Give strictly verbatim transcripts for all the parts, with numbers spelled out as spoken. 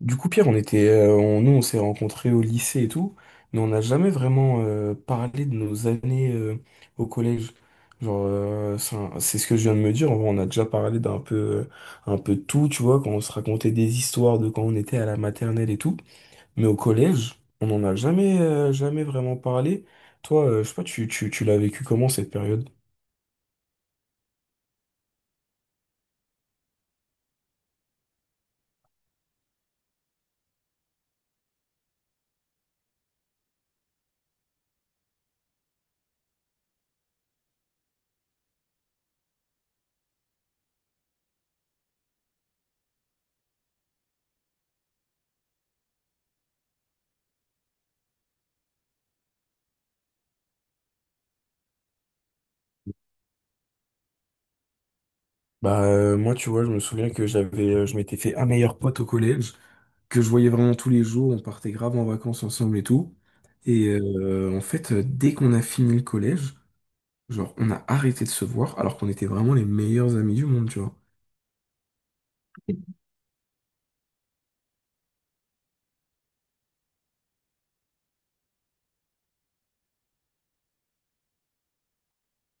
Du coup, Pierre, on était, euh, on- nous, on s'est rencontrés au lycée et tout, mais on n'a jamais vraiment euh, parlé de nos années euh, au collège. Genre, euh, c'est un- c'est ce que je viens de me dire. En vrai, on a déjà parlé d'un peu, euh, un peu de tout, tu vois, quand on se racontait des histoires de quand on était à la maternelle et tout. Mais au collège, on n'en a jamais, euh, jamais vraiment parlé. Toi, euh, je sais pas, tu, tu, tu l'as vécu comment cette période? Bah, euh, moi, tu vois, je me souviens que j'avais, euh, je m'étais fait un meilleur pote au collège. que je voyais vraiment tous les jours. On partait grave en vacances ensemble et tout. Et euh, en fait, euh, dès qu'on a fini le collège, genre, on a arrêté de se voir alors qu'on était vraiment les meilleurs amis du monde, tu vois.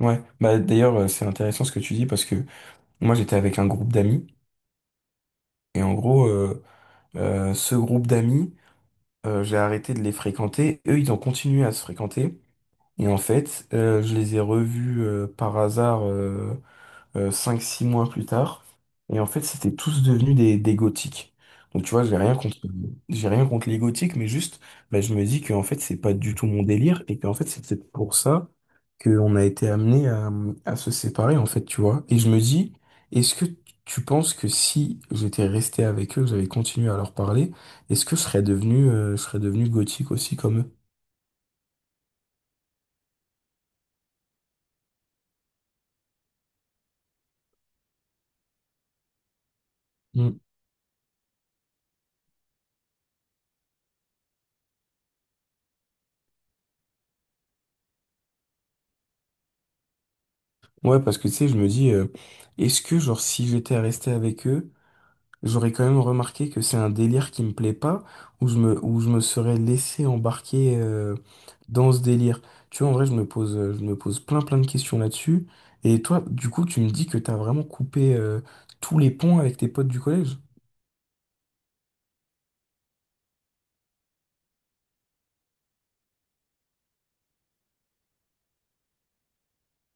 Ouais, bah d'ailleurs euh, c'est intéressant ce que tu dis, parce que moi j'étais avec un groupe d'amis et en gros euh, euh, ce groupe d'amis euh, j'ai arrêté de les fréquenter, eux ils ont continué à se fréquenter, et en fait euh, je les ai revus euh, par hasard, euh, euh, cinq six mois plus tard. Et en fait, c'était tous devenus des, des gothiques. Donc tu vois, j'ai rien contre, j'ai rien contre les gothiques, mais juste, bah, je me dis qu'en fait, c'est pas du tout mon délire, et qu'en fait, c'est peut-être pour ça qu'on a été amené à, à se séparer, en fait, tu vois. Et je me dis, est-ce que tu penses que si j'étais resté avec eux, j'avais continué à leur parler, est-ce que je serais devenu, euh, je serais devenu gothique aussi comme eux? Mm. Ouais, parce que tu sais, je me dis, euh, est-ce que genre si j'étais resté avec eux, j'aurais quand même remarqué que c'est un délire qui me plaît pas, où je me, où je me serais laissé embarquer euh, dans ce délire. Tu vois, en vrai, je me pose, euh, je me pose plein plein de questions là-dessus. Et toi, du coup, tu me dis que t'as vraiment coupé euh, tous les ponts avec tes potes du collège?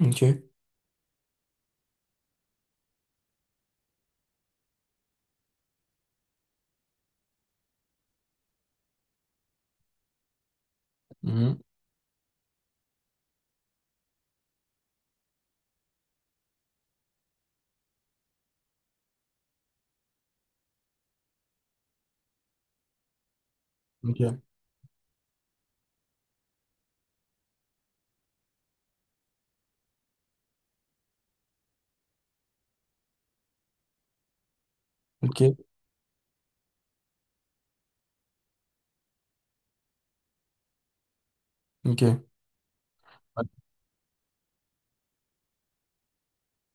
Ok. Mhm. Ok. Ok. Ok. Ouais.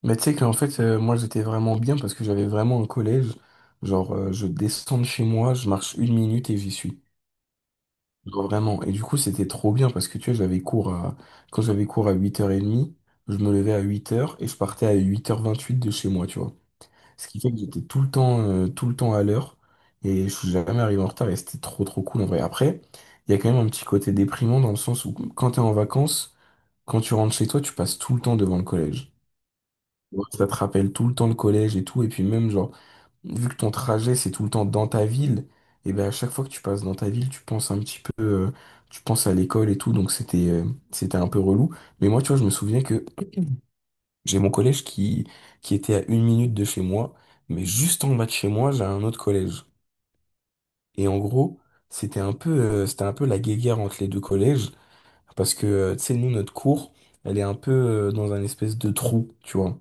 Mais tu sais qu'en fait, euh, moi, j'étais vraiment bien parce que j'avais vraiment un collège. Genre, euh, je descends de chez moi, je marche une minute et j'y suis. Genre, vraiment. Et du coup, c'était trop bien parce que tu vois, j'avais cours à... quand j'avais cours à huit heures trente, je me levais à huit heures et je partais à huit heures vingt-huit de chez moi, tu vois. Ce qui fait que j'étais tout le temps, euh, tout le temps à l'heure et je suis jamais arrivé en retard et c'était trop, trop cool en vrai. Après, il y a quand même un petit côté déprimant dans le sens où quand t'es en vacances, quand tu rentres chez toi, tu passes tout le temps devant le collège. Ouais, ça te rappelle tout le temps le collège et tout. Et puis même, genre, vu que ton trajet c'est tout le temps dans ta ville, et ben à chaque fois que tu passes dans ta ville, tu penses un petit peu, euh, tu penses à l'école et tout, donc c'était euh, c'était un peu relou. Mais moi, tu vois, je me souviens que j'ai mon collège qui qui était à une minute de chez moi, mais juste en bas de chez moi, j'ai un autre collège. Et en gros, c'était un peu euh, c'était un peu la guéguerre entre les deux collèges parce que euh, tu sais, nous notre cour, elle est un peu euh, dans un espèce de trou, tu vois.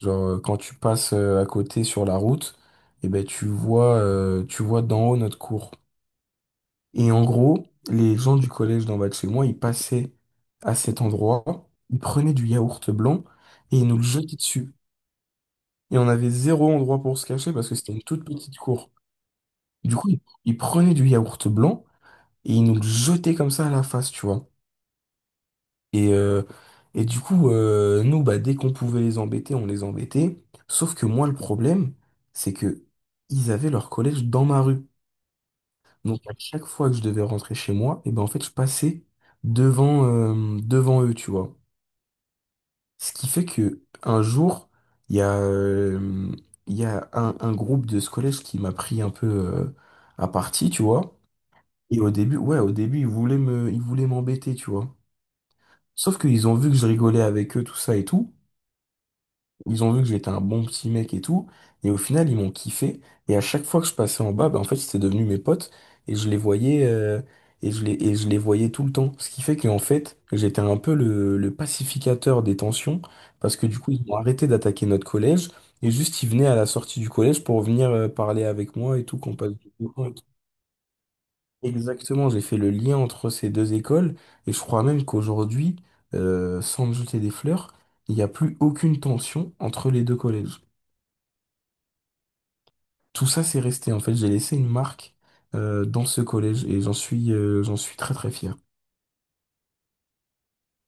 Genre, euh, quand tu passes euh, à côté sur la route, et ben, tu vois, euh, tu vois d'en haut notre cour. Et en gros, les gens du collège d'en bas de chez moi, ils passaient à cet endroit, ils prenaient du yaourt blanc et ils nous le jetaient dessus. Et on avait zéro endroit pour se cacher parce que c'était une toute petite cour. Du coup, ils ils prenaient du yaourt blanc et ils nous le jetaient comme ça à la face, tu vois. Et, euh, et du coup, euh, nous, bah, dès qu'on pouvait les embêter, on les embêtait. Sauf que moi, le problème, c'est que ils avaient leur collège dans ma rue. Donc à chaque fois que je devais rentrer chez moi, et ben en fait, je passais devant, euh, devant eux, tu vois. Ce qui fait que un jour, il y a, euh, il y a un, un groupe de ce collège qui m'a pris un peu euh, à partie, tu vois. Et au début, ouais, au début, ils voulaient me, ils voulaient m'embêter, tu vois. Sauf qu'ils ont vu que je rigolais avec eux, tout ça et tout. Ils ont vu que j'étais un bon petit mec et tout, et au final, ils m'ont kiffé. Et à chaque fois que je passais en bas, ben en fait, c'était devenu mes potes, et je les voyais, euh, et je les, et je les voyais tout le temps. Ce qui fait qu'en fait, j'étais un peu le, le pacificateur des tensions, parce que du coup, ils ont arrêté d'attaquer notre collège, et juste, ils venaient à la sortie du collège pour venir, euh, parler avec moi et tout, qu'on passe du bon temps et tout. Exactement, j'ai fait le lien entre ces deux écoles, et je crois même qu'aujourd'hui, euh, sans me jeter des fleurs, il n'y a plus aucune tension entre les deux collèges. Tout ça, c'est resté. En fait, j'ai laissé une marque euh, dans ce collège et j'en suis, euh, j'en suis très très fier.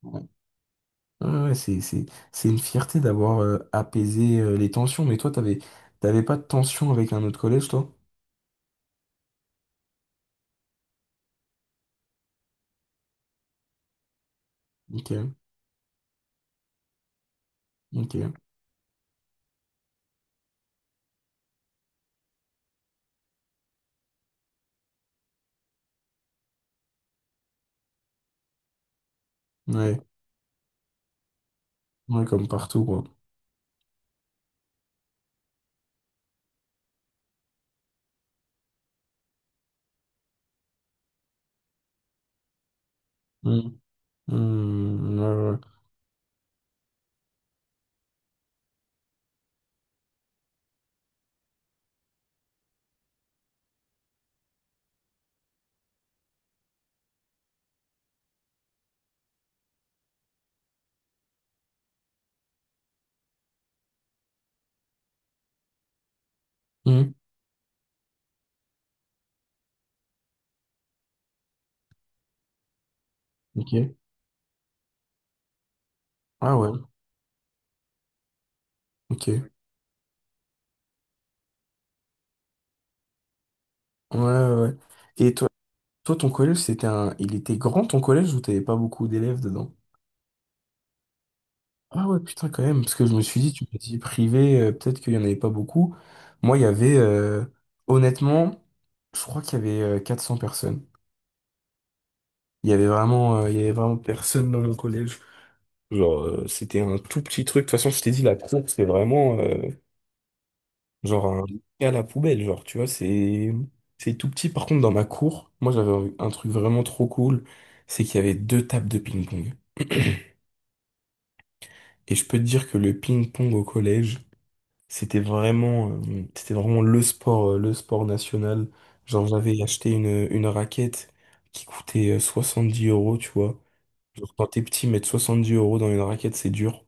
Ouais, ouais, ouais, ouais, c'est, c'est, c'est une fierté d'avoir euh, apaisé euh, les tensions. Mais toi, t'avais, t'avais pas de tension avec un autre collège, toi? Ok, ok. Ouais, ouais, comme partout, quoi. Hmm. Hmm, ouais, ouais. Hmm, ok. Ah ouais, ok. Ouais, ouais. Ouais. Et toi, toi, ton collège, c'était un, il était grand ton collège ou t'avais pas beaucoup d'élèves dedans? Ah ouais, putain, quand même, parce que je me suis dit, tu me dis privé, euh, peut-être qu'il n'y en avait pas beaucoup. Moi, il y avait, euh, honnêtement, je crois qu'il y avait euh, quatre cents personnes. Il y avait vraiment, euh, il y avait vraiment personne dans mon collège. Genre, euh, c'était un tout petit truc. De toute façon, je t'ai dit, la cour, c'est vraiment, euh, genre, un lit à la poubelle, genre, tu vois, c'est, c'est tout petit. Par contre, dans ma cour, moi, j'avais un truc vraiment trop cool, c'est qu'il y avait deux tables de ping-pong. Et je peux te dire que le ping-pong au collège, C'était vraiment, euh, c'était vraiment le sport, euh, le sport national. Genre, j'avais acheté une, une raquette qui coûtait euh, dix euros, tu vois. Genre, quand t'es petit, mettre soixante-dix euros dans une raquette, c'est dur.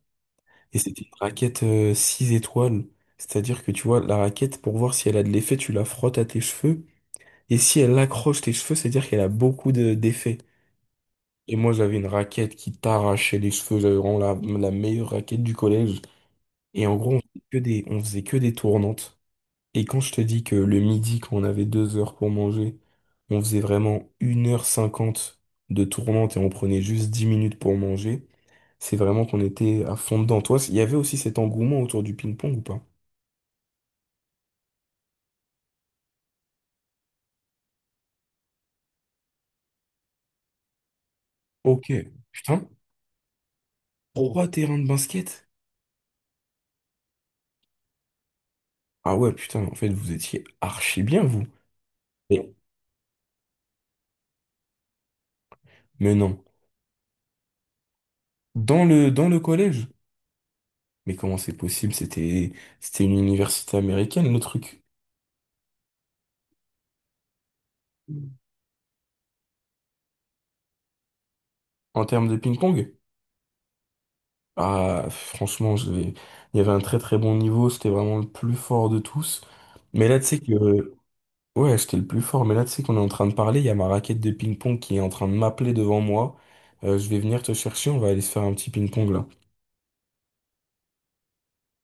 Et c'était une raquette euh, six étoiles. C'est-à-dire que, tu vois, la raquette, pour voir si elle a de l'effet, tu la frottes à tes cheveux. Et si elle accroche tes cheveux, c'est-à-dire qu'elle a beaucoup de- d'effet. Et moi, j'avais une raquette qui t'arrachait les cheveux. J'avais vraiment la, la meilleure raquette du collège. Et en gros, on faisait que des, on faisait que des tournantes. Et quand je te dis que le midi, quand on avait deux heures pour manger, on faisait vraiment une heure cinquante de tournante et on prenait juste dix minutes pour manger, c'est vraiment qu'on était à fond dedans. Toi, il y avait aussi cet engouement autour du ping-pong ou pas? Ok, putain, trois terrains de basket? Ah ouais, putain, en fait, vous étiez archi bien, vous. Mais, mais non. Dans le, dans le collège? Mais comment c'est possible? C'était, c'était une université américaine, le truc. En termes de ping-pong? Ah, franchement, je vais- il y avait un très très bon niveau, c'était vraiment le plus fort de tous. Mais là, tu sais que... Ouais, j'étais le plus fort, mais là, tu sais qu'on est en train de parler, il y a ma raquette de ping-pong qui est en train de m'appeler devant moi. Euh, je vais venir te chercher, on va aller se faire un petit ping-pong là.